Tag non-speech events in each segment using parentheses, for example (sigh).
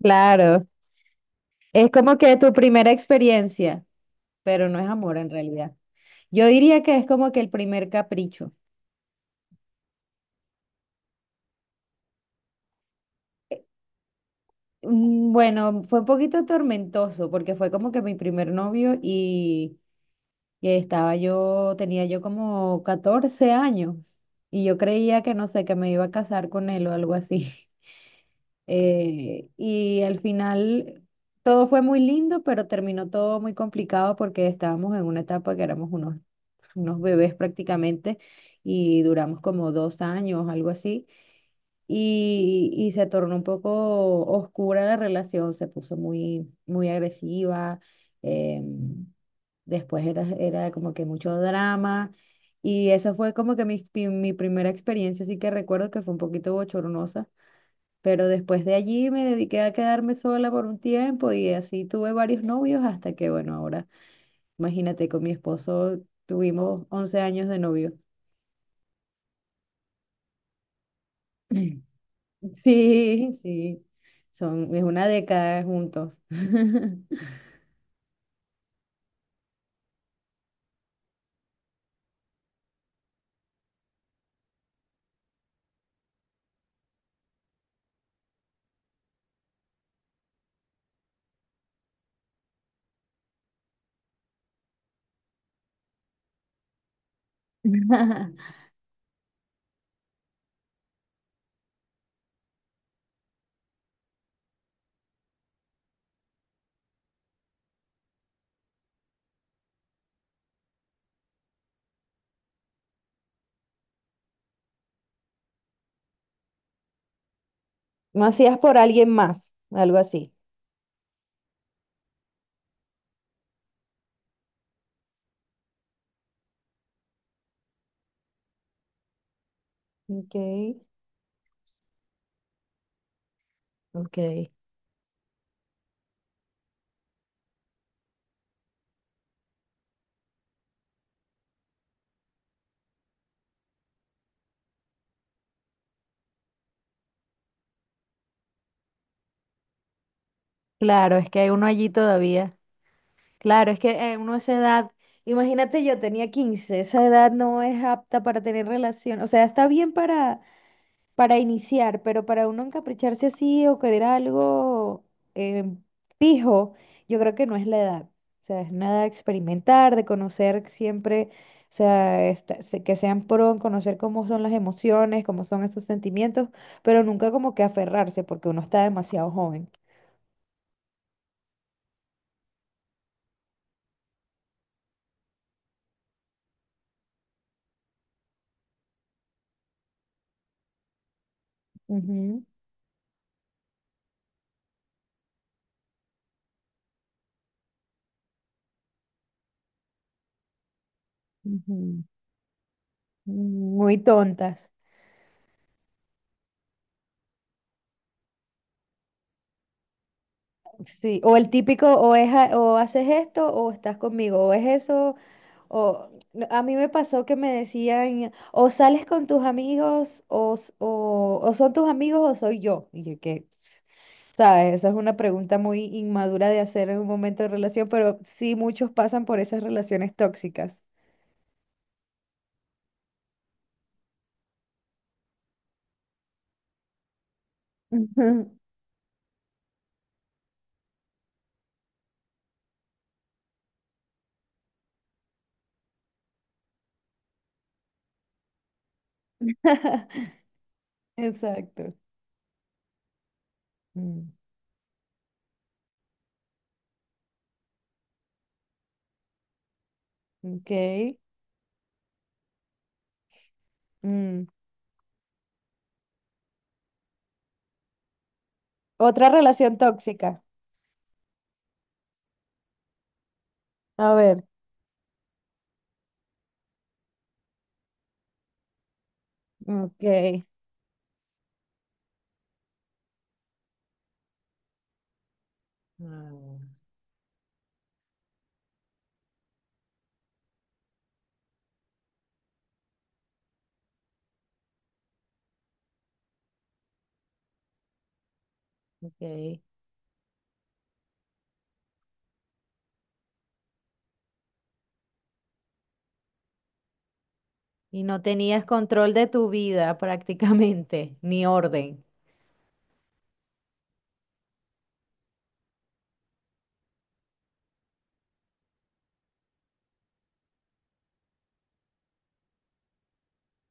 Claro, es como que tu primera experiencia, pero no es amor en realidad. Yo diría que es como que el primer capricho. Bueno, fue un poquito tormentoso porque fue como que mi primer novio y estaba yo, tenía yo como 14 años y yo creía que no sé, que me iba a casar con él o algo así. (laughs) Y al final todo fue muy lindo, pero terminó todo muy complicado porque estábamos en una etapa que éramos unos bebés prácticamente, y duramos como 2 años, algo así, y se tornó un poco oscura la relación, se puso muy, muy agresiva. em, Después era como que mucho drama, y esa fue como que mi primera experiencia, así que recuerdo que fue un poquito bochornosa. Pero después de allí me dediqué a quedarme sola por un tiempo y así tuve varios novios hasta que, bueno, ahora, imagínate, con mi esposo tuvimos 11 años de novio. Sí, sí, son, es una década juntos. (laughs) No hacías por alguien más, algo así. Ok. Ok. Claro, es que hay uno allí todavía. Claro, es que uno a esa edad, imagínate, yo tenía 15. Esa edad no es apta para tener relación, o sea, está bien para iniciar, pero para uno encapricharse así o querer algo eh, fijo, yo creo que no es la edad. O sea, es nada de experimentar, de conocer siempre, o sea, que sean pro en conocer cómo son las emociones, cómo son esos sentimientos, pero nunca como que aferrarse porque uno está demasiado joven. Ujú, ujú. Muy tontas. Sí, o el típico, o, es, o haces esto o estás conmigo, o es eso. O, no, a mí me pasó que me decían, o sales con tus amigos, o son tus amigos, o soy yo. Y yo, ¿qué? ¿Sabes? Esa es una pregunta muy inmadura de hacer en un momento de relación, pero sí muchos pasan por esas relaciones tóxicas. Ujú. (laughs) Exacto. Mm, ok. Mm. Otra relación tóxica. A ver. Ok. Ah, ok. Y no tenías control de tu vida prácticamente, ni orden.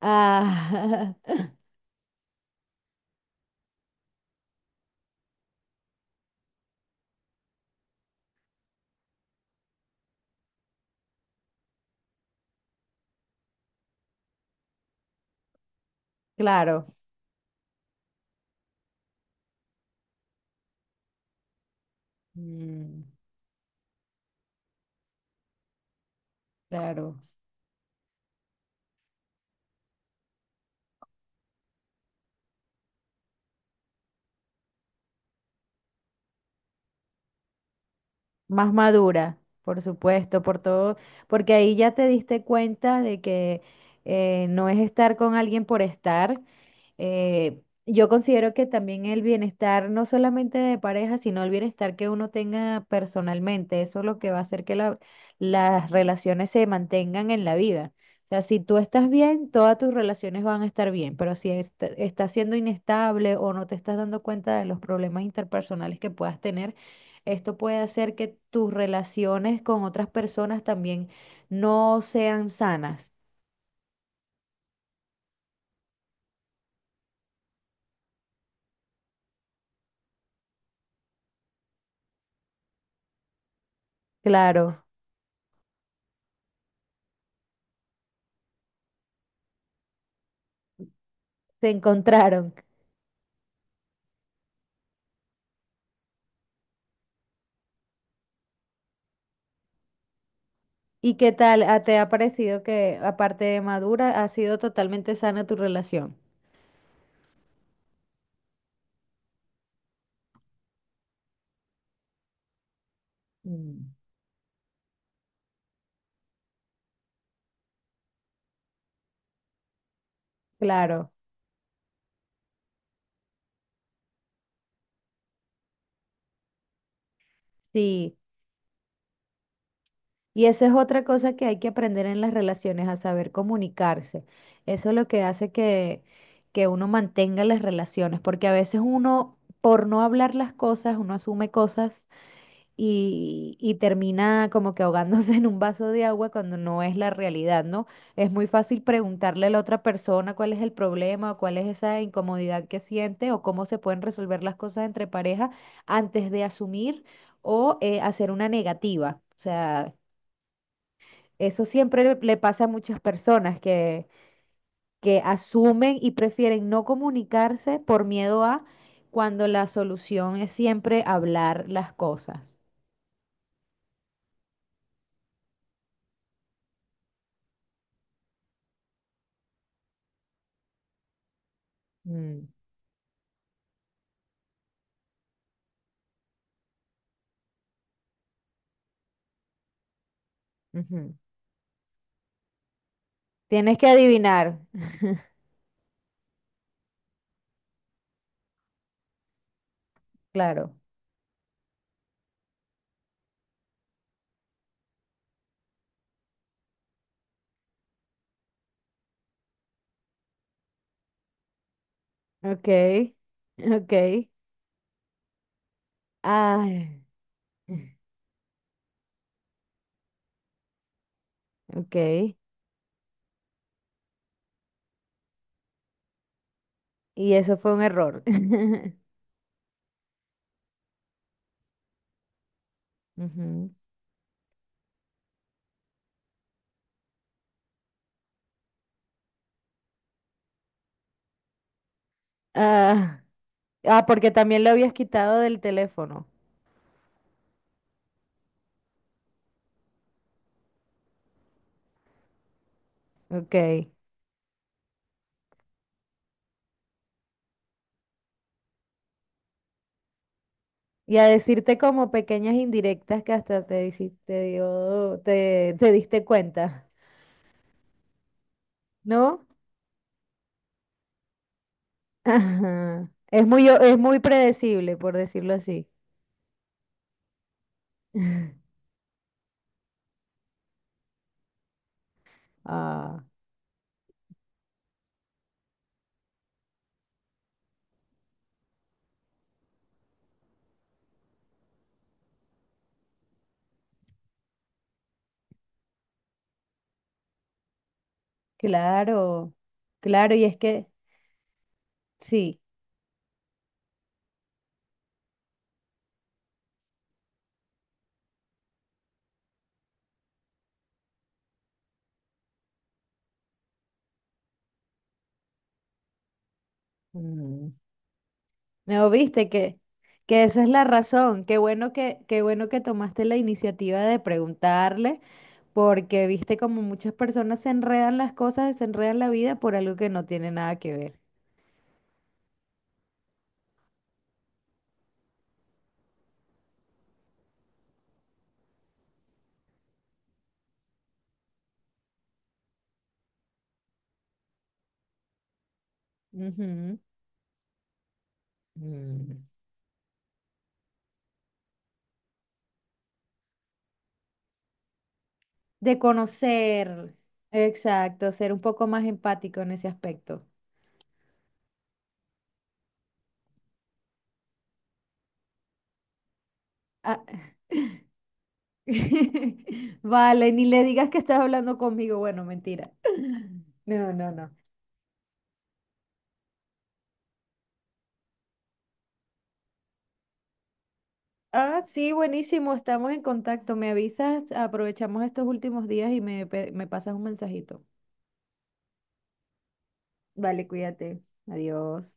Ah, (laughs) claro, mm, claro. Más madura, por supuesto, por todo, porque ahí ya te diste cuenta de que no es estar con alguien por estar. Eh, yo considero que también el bienestar, no solamente de pareja, sino el bienestar que uno tenga personalmente, eso es lo que va a hacer que las relaciones se mantengan en la vida. O sea, si tú estás bien, todas tus relaciones van a estar bien, pero si estás siendo inestable o no te estás dando cuenta de los problemas interpersonales que puedas tener, esto puede hacer que tus relaciones con otras personas también no sean sanas. Claro, se encontraron. ¿Y qué tal te ha parecido que, aparte de madura, ha sido totalmente sana tu relación? Mm. Claro, sí. Y esa es otra cosa que hay que aprender en las relaciones, a saber comunicarse. Eso es lo que hace que uno mantenga las relaciones, porque a veces uno, por no hablar las cosas, uno asume cosas y termina como que ahogándose (laughs) en un vaso de agua cuando no es la realidad, ¿no? Es muy fácil preguntarle a la otra persona cuál es el problema o cuál es esa incomodidad que siente o cómo se pueden resolver las cosas entre pareja antes de asumir o hacer una negativa. O sea, eso siempre le pasa a muchas personas que asumen y prefieren no comunicarse por miedo a cuando la solución es siempre hablar las cosas. Mm, ujú. Tienes que adivinar, (laughs) claro. Ok, ok. Ay, ok. Y eso fue un error. (laughs) Ujú. Ah, ah, porque también lo habías quitado del teléfono. Ok. Y a decirte como pequeñas indirectas que hasta te hiciste, te diste cuenta, ¿no? (laughs) Ajá. Es muy, es muy predecible, por decirlo así. (laughs) Ah, claro, claro, y es que sí. Mm. No, viste que esa es la razón. Qué bueno qué bueno que tomaste la iniciativa de preguntarle, porque viste como muchas personas se enredan las cosas, se enredan la vida por algo que no tiene nada que ver. Ujú. Mm. De conocer, exacto, ser un poco más empático en ese aspecto. Ah, (laughs) vale, ni le digas que estás hablando conmigo. Bueno, mentira. (laughs) No, no, no. Ah, sí, buenísimo, estamos en contacto. Me avisas, aprovechamos estos últimos días y me pasas un mensajito. Vale, cuídate. Adiós.